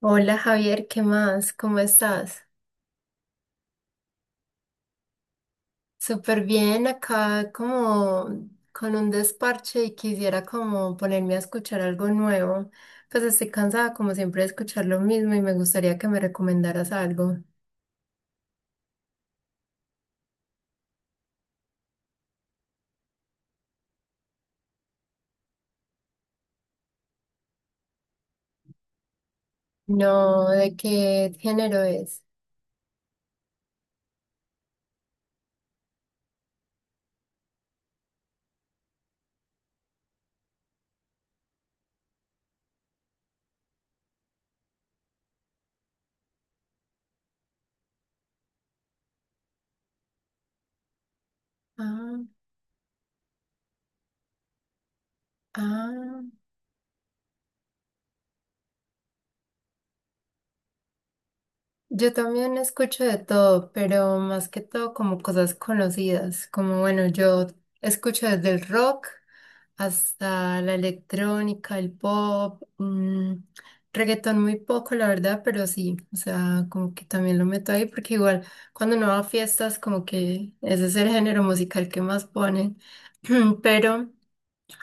Hola Javier, ¿qué más? ¿Cómo estás? Súper bien, acá como con un desparche y quisiera como ponerme a escuchar algo nuevo. Pues estoy cansada como siempre de escuchar lo mismo y me gustaría que me recomendaras algo. No, ¿de qué género es? Ah, ah. Yo también escucho de todo, pero más que todo como cosas conocidas, como bueno, yo escucho desde el rock hasta la electrónica, el pop, reggaetón muy poco, la verdad, pero sí, o sea, como que también lo meto ahí, porque igual cuando no va a fiestas, como que ese es el género musical que más ponen, pero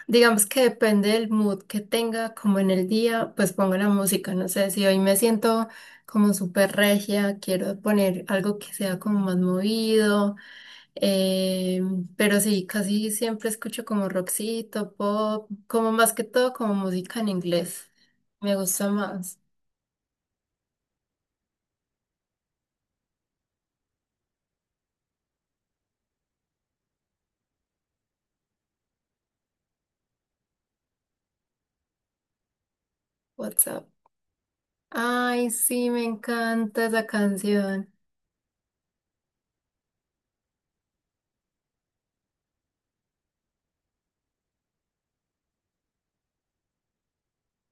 digamos que depende del mood que tenga, como en el día, pues pongo la música, no sé, si hoy me siento como súper regia, quiero poner algo que sea como más movido. Eh, pero sí, casi siempre escucho como rockcito, pop, como más que todo como música en inglés. Me gusta más. WhatsApp. Ay, sí, me encanta esa canción.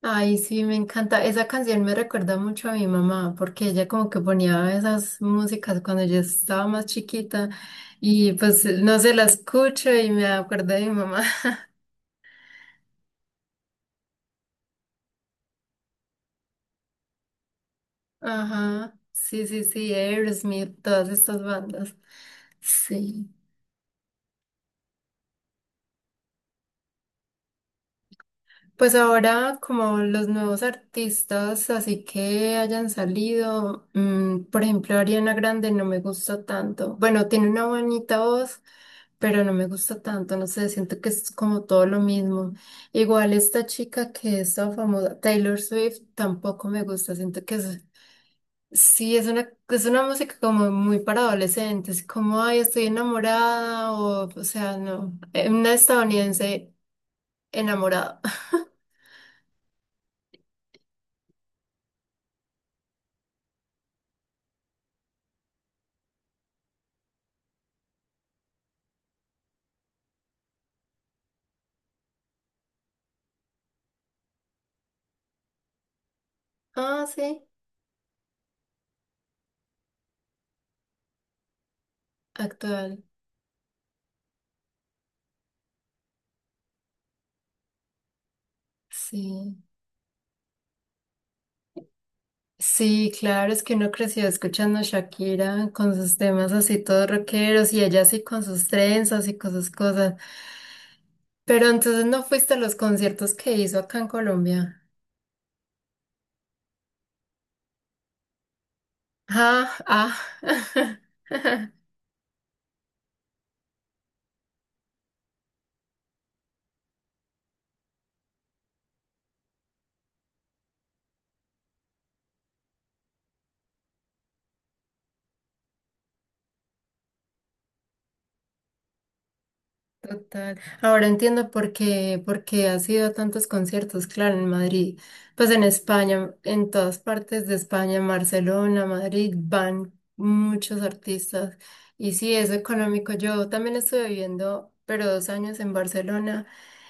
Ay, sí, me encanta. Esa canción me recuerda mucho a mi mamá, porque ella como que ponía esas músicas cuando yo estaba más chiquita y pues no se la escucho y me acuerdo de mi mamá. Ajá, sí, sí, sí, Aerosmith, todas estas bandas. Sí. Pues ahora, como los nuevos artistas, así que hayan salido, por ejemplo, Ariana Grande no me gusta tanto. Bueno, tiene una bonita voz, pero no me gusta tanto, no sé, siento que es como todo lo mismo. Igual esta chica que es tan famosa, Taylor Swift, tampoco me gusta, siento que es, sí, es una música como muy para adolescentes, como, ay, estoy enamorada, o sea, no. Una estadounidense enamorada. Ah, sí, actual. Sí. Sí, claro, es que uno creció escuchando a Shakira con sus temas así todos rockeros y ella así con sus trenzas y con sus cosas. Pero entonces no fuiste a los conciertos que hizo acá en Colombia. Ah, ah. Total. Ahora entiendo por qué has ido a tantos conciertos, claro, en Madrid, pues en España, en todas partes de España, en Barcelona, Madrid, van muchos artistas. Y sí, es económico. Yo también estuve viviendo, pero dos años en Barcelona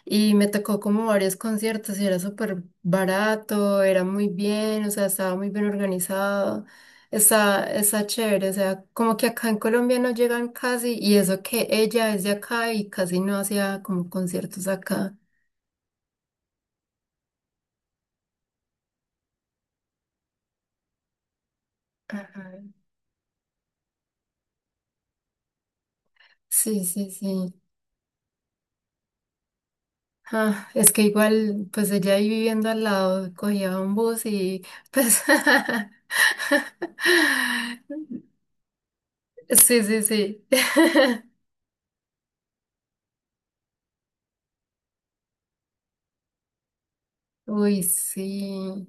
y me tocó como varios conciertos y era súper barato, era muy bien, o sea, estaba muy bien organizado. Está, está chévere, o sea, como que acá en Colombia no llegan casi, y eso que ella es de acá y casi no hacía como conciertos acá. Ajá. Sí, sí, sí. Ah, es que igual, pues ella ahí viviendo al lado, cogía un bus y pues... Sí, sí, sí. Uy, sí.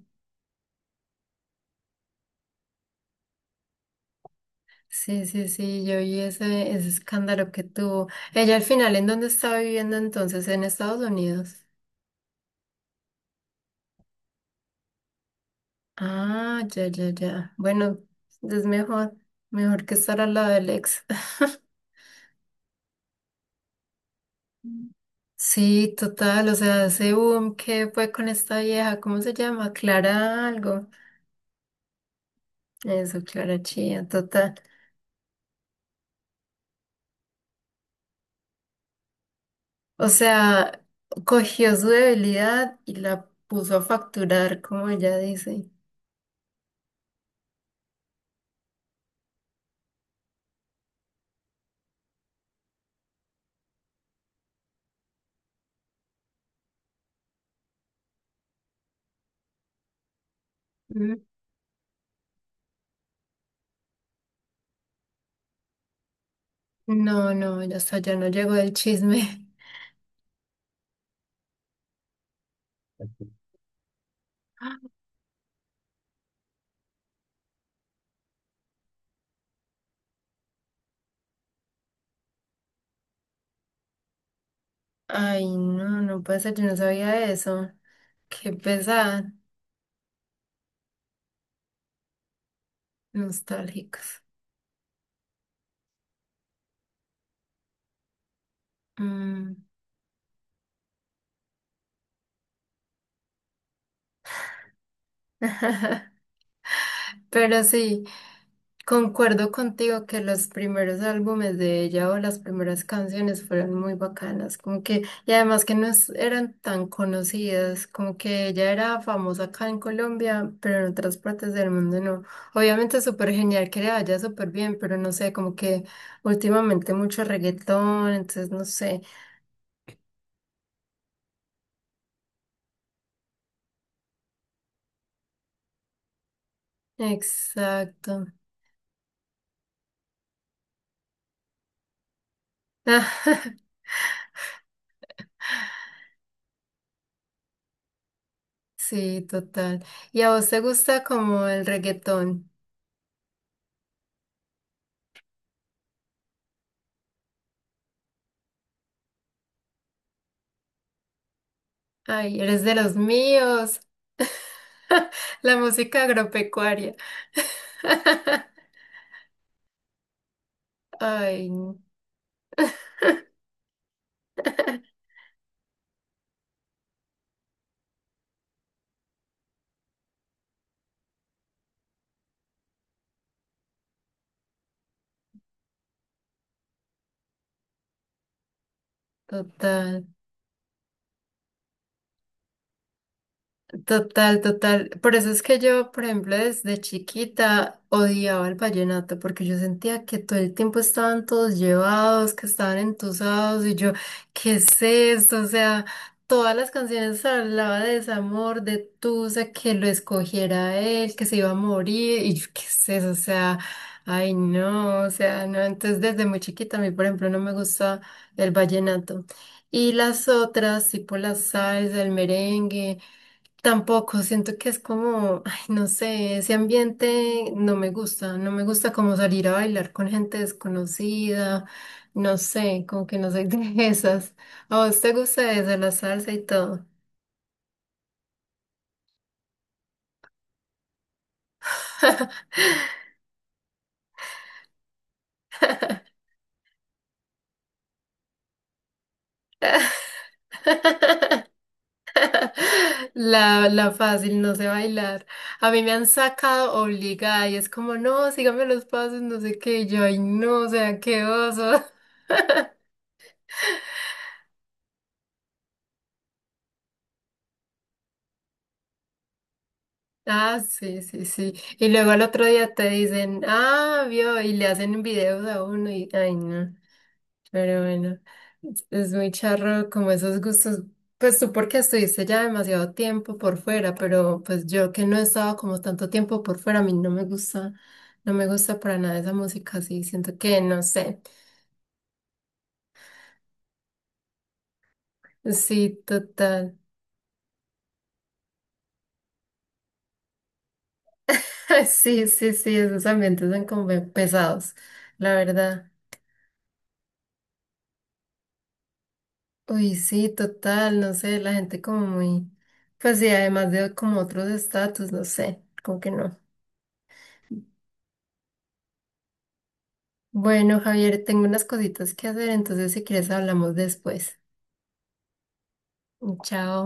Sí, sí, sí, yo vi ese escándalo que tuvo. Ella al final, ¿en dónde estaba viviendo entonces? ¿En Estados Unidos? Ah, ya, ya, ya. Bueno, es mejor, mejor que estar al lado del ex. Mm. Sí, total, o sea, ese boom que fue con esta vieja, ¿cómo se llama? Clara algo. Eso, Clara Chía, total. O sea, cogió su debilidad y la puso a facturar, como ella dice. Mm. No, no, ya hasta ya no llegó el chisme. Ay, no, no puede ser, yo no sabía eso. Qué pesar, nostálgicos. Mm. Pero sí, concuerdo contigo que los primeros álbumes de ella o las primeras canciones fueron muy bacanas, como que, y además que no es- eran tan conocidas, como que ella era famosa acá en Colombia, pero en otras partes del mundo no. Obviamente es súper genial que le vaya súper bien, pero no sé, como que últimamente mucho reggaetón, entonces no sé. Exacto. Sí, total. ¿Y a vos te gusta como el reggaetón? Ay, eres de los míos. La música agropecuaria. Ay, total. Total, total. Por eso es que yo, por ejemplo, desde chiquita odiaba el vallenato, porque yo sentía que todo el tiempo estaban todos llevados, que estaban entusados, y yo, ¿qué es esto? O sea, todas las canciones hablaba de desamor, de tusa, que lo escogiera él, que se iba a morir, y yo, ¿qué es eso? O sea, ay, no, o sea, no. Entonces, desde muy chiquita, a mí, por ejemplo, no me gusta el vallenato. Y las otras, tipo la salsa, el merengue. Tampoco, siento que es como, ay, no sé, ese ambiente no me gusta, no me gusta como salir a bailar con gente desconocida, no sé, como que no soy de esas. ¿A vos te gusta eso, la salsa y todo? La fácil, no sé bailar. A mí me han sacado obligada y es como, no, sígame los pasos, no sé qué, y yo, ay, no, o sea, qué oso. Ah, sí, sí, sí. Y luego al otro día te dicen, ah, vio, y le hacen videos a uno y, ay, no. Pero bueno, es muy charro como esos gustos. Pues tú porque estuviste ya demasiado tiempo por fuera, pero pues yo que no he estado como tanto tiempo por fuera, a mí no me gusta, no me gusta para nada esa música así. Siento que, no sé. Sí, total. Sí, sí, sí, esos ambientes son como pesados, la verdad. Uy, sí, total, no sé, la gente como muy, pues sí, además de como otros estatus, no sé, como que no. Bueno, Javier, tengo unas cositas que hacer, entonces si quieres hablamos después. Chao.